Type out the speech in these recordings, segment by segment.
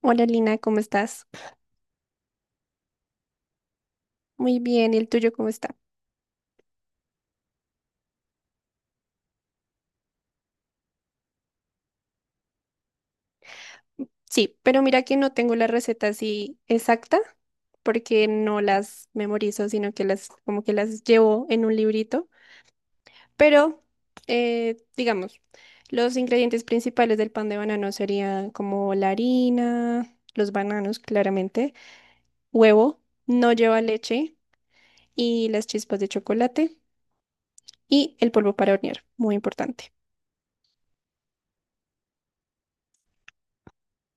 Hola Lina, ¿cómo estás? Muy bien, ¿y el tuyo cómo está? Sí, pero mira que no tengo la receta así exacta porque no las memorizo, sino que las como que las llevo en un librito. Pero digamos, los ingredientes principales del pan de banano serían como la harina, los bananos claramente, huevo, no lleva leche y las chispas de chocolate y el polvo para hornear, muy importante.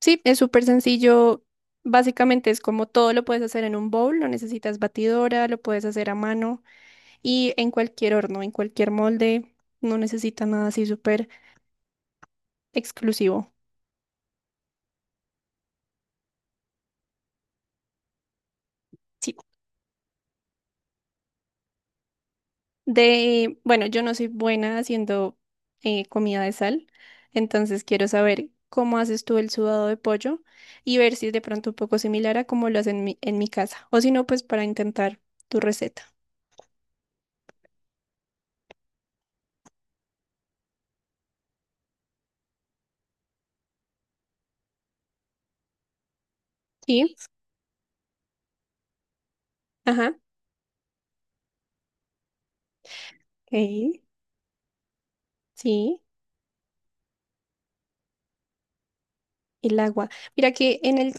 Sí, es súper sencillo. Básicamente es como todo lo puedes hacer en un bowl, no necesitas batidora, lo puedes hacer a mano y en cualquier horno, en cualquier molde, no necesita nada así súper exclusivo. Sí. De, bueno, yo no soy buena haciendo comida de sal, entonces quiero saber cómo haces tú el sudado de pollo y ver si es de pronto un poco similar a cómo lo hacen en en mi casa, o si no, pues para intentar tu receta. Sí, ajá, ok, sí. El agua. Mira que en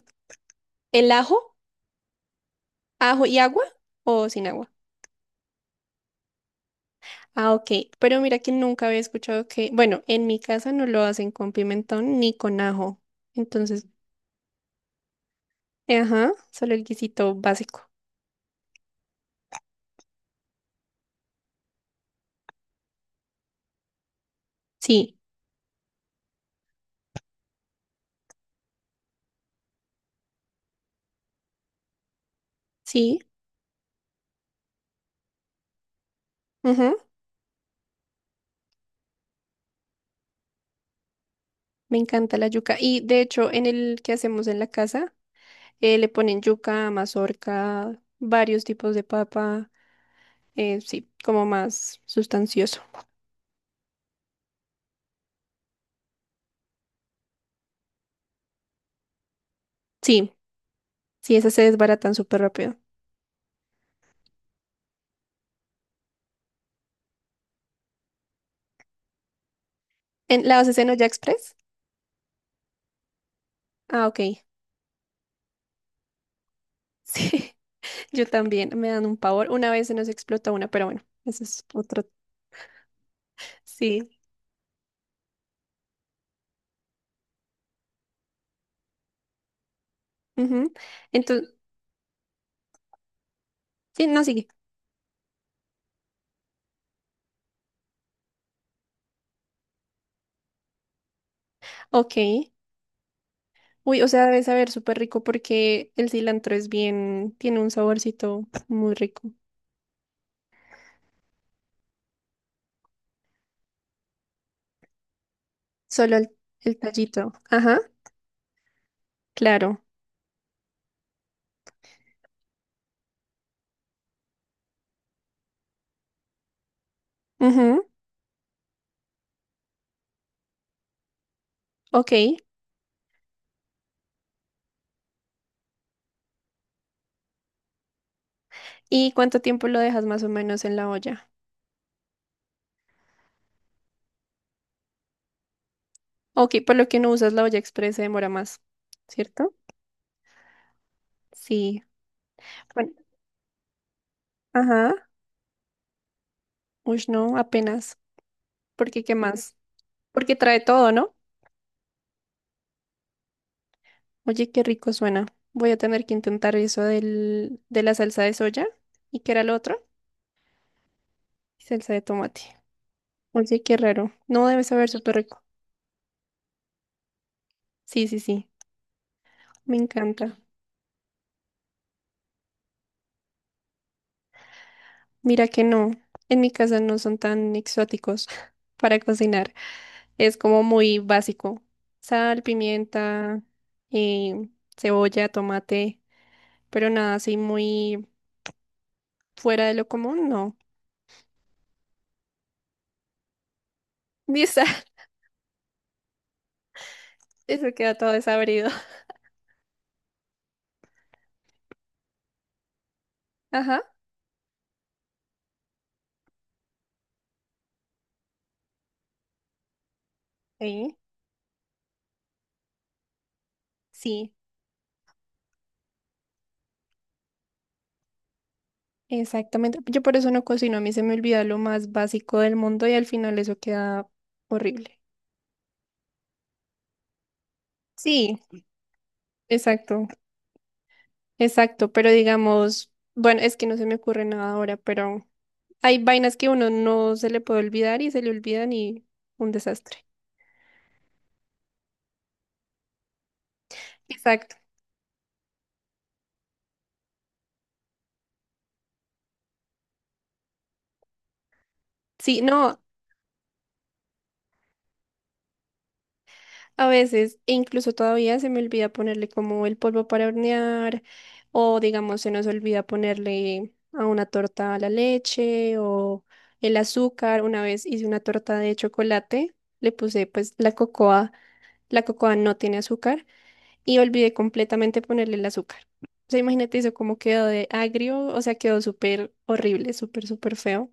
el ajo, ajo y agua o sin agua. Ah, ok. Pero mira que nunca había escuchado que, bueno, en mi casa no lo hacen con pimentón ni con ajo. Entonces, ajá, solo el guisito básico. Sí, sí, ajá. Me encanta la yuca. Y de hecho, en el que hacemos en la casa, le ponen yuca, mazorca, varios tipos de papa. Sí, como más sustancioso. Sí, sí, esas se desbaratan súper rápido. ¿En, ¿la haces en olla express? Ah, ok. Sí, yo también, me dan un pavor. Una vez se nos explotó una, pero bueno, eso es otro. Sí. Entonces, sí, no sigue. Ok. Uy, o sea, debe saber súper rico porque el cilantro es bien, tiene un saborcito muy rico. Solo el tallito. Ajá, claro. Ujú, ok. ¿Y cuánto tiempo lo dejas más o menos en la olla? Ok, por lo que no usas la olla express se demora más, ¿cierto? Sí. Bueno, ajá. Uy, no, apenas. Porque, ¿qué más? Porque trae todo, ¿no? Oye, qué rico suena. Voy a tener que intentar eso del, de la salsa de soya. ¿Y qué era lo otro? Salsa de tomate. Oye, qué raro. No debe saber súper rico. Sí, sí, sí. Me encanta. Mira que no. En mi casa no son tan exóticos para cocinar. Es como muy básico. Sal, pimienta, eh, cebolla, tomate. Pero nada así muy fuera de lo común, no. Y esa- Eso queda todo desabrido. Ajá. Sí. Sí, exactamente. Yo por eso no cocino, a mí se me olvida lo más básico del mundo y al final eso queda horrible. Sí, exacto, exacto, pero digamos, bueno, es que no se me ocurre nada ahora, pero hay vainas que uno no se le puede olvidar y se le olvidan y un desastre. Exacto. Sí, no, a veces, e incluso todavía se me olvida ponerle como el polvo para hornear, o digamos, se nos olvida ponerle a una torta la leche o el azúcar. Una vez hice una torta de chocolate, le puse pues la cocoa no tiene azúcar y olvidé completamente ponerle el azúcar. O sea, imagínate eso, cómo quedó de agrio, o sea, quedó súper horrible, súper, súper feo.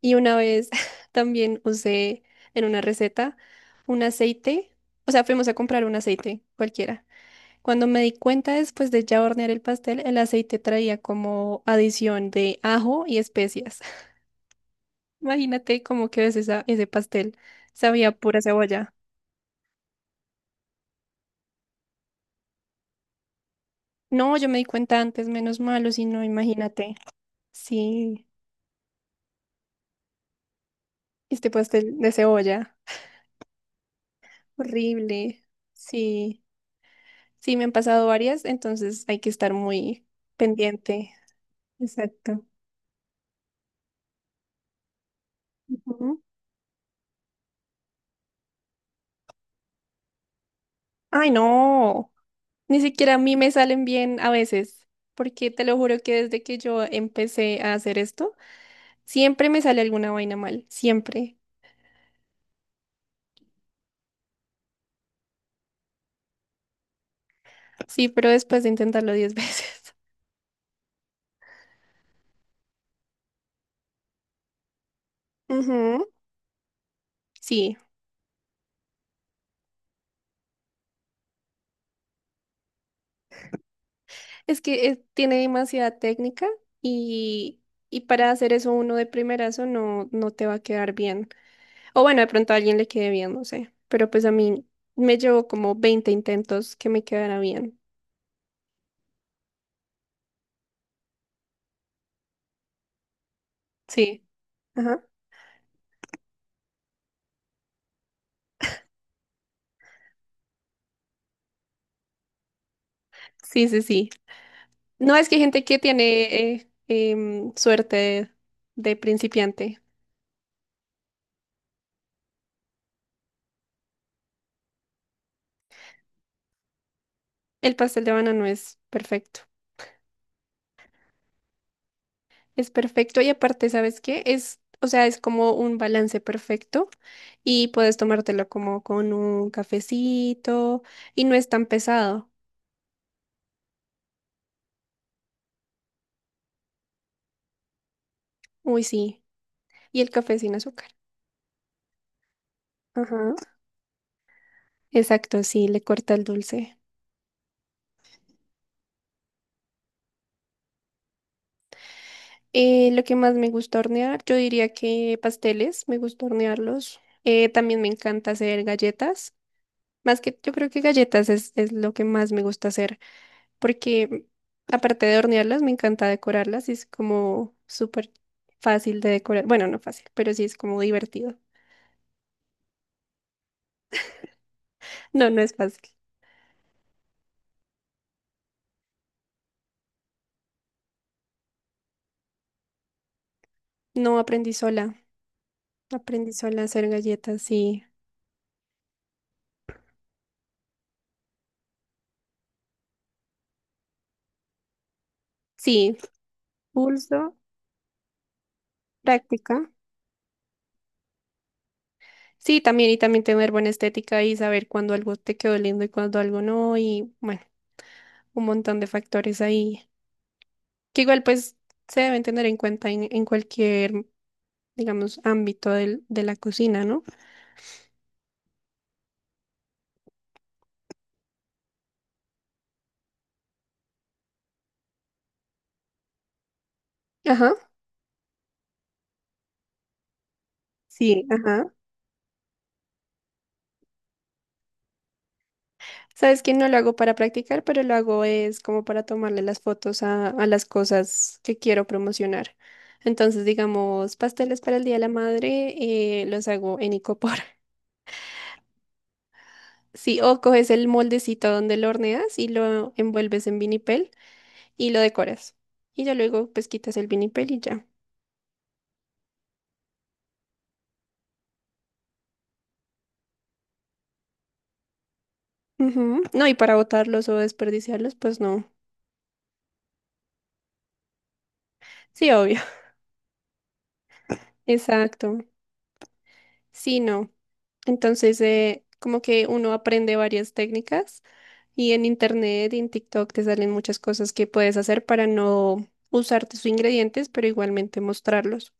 Y una vez también usé en una receta un aceite, o sea, fuimos a comprar un aceite cualquiera. Cuando me di cuenta después de ya hornear el pastel, el aceite traía como adición de ajo y especias. Imagínate cómo quedó ese, sa- ese pastel. Sabía a pura cebolla. No, yo me di cuenta antes, menos malo, si no, imagínate. Sí, este pastel de cebolla. Horrible. Sí, sí, me han pasado varias, entonces hay que estar muy pendiente. Exacto. Ujú. Ay, no, ni siquiera a mí me salen bien a veces, porque te lo juro que desde que yo empecé a hacer esto, siempre me sale alguna vaina mal, siempre. Sí, pero después de intentarlo 10 veces. Ujú, sí, es que tiene demasiada técnica y, y para hacer eso uno de primerazo no, no te va a quedar bien. O bueno, de pronto a alguien le quede bien, no sé, pero pues a mí me llevó como 20 intentos que me quedara bien. Sí. Ajá. Sí, sí, sí. No, es que hay gente que tiene eh, suerte de principiante. El pastel de banano es perfecto. Es perfecto y aparte, ¿sabes qué? Es, o sea, es como un balance perfecto y puedes tomártelo como con un cafecito y no es tan pesado. Uy, sí. Y el café sin azúcar. Ajá. Exacto, sí, le corta el dulce. Lo que más me gusta hornear, yo diría que pasteles, me gusta hornearlos. También me encanta hacer galletas. Más que yo creo que galletas es lo que más me gusta hacer, porque aparte de hornearlas, me encanta decorarlas y es como súper fácil de decorar. Bueno, no fácil, pero sí es como divertido. No, no es fácil. No aprendí sola, aprendí sola a hacer galletas sí sí, pulso, práctica. Sí, también y también tener buena estética y saber cuándo algo te quedó lindo y cuándo algo no y bueno, un montón de factores ahí que igual pues se deben tener en cuenta en cualquier digamos, ámbito del- de la cocina, ¿no? Ajá, sí. Ajá. Sabes que no lo hago para practicar, pero lo hago es como para tomarle las fotos a las cosas que quiero promocionar. Entonces, digamos, pasteles para el Día de la Madre, los hago en icopor. Sí, o coges el moldecito donde lo horneas y lo envuelves en vinipel y lo decoras. Y ya luego, pues, quitas el vinipel y ya. Ujú. No, y para botarlos o desperdiciarlos, pues no. Sí, obvio. Exacto. Sí, no. Entonces, como que uno aprende varias técnicas y en internet y en TikTok te salen muchas cosas que puedes hacer para no usar tus ingredientes, pero igualmente mostrarlos.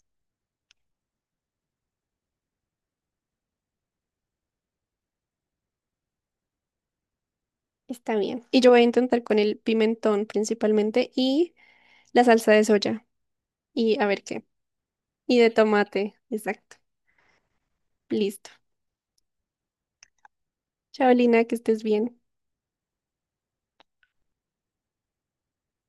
Está bien. Y yo voy a intentar con el pimentón principalmente y la salsa de soya y a ver qué. Y de tomate, exacto. Listo. Chao, Lina, que estés bien.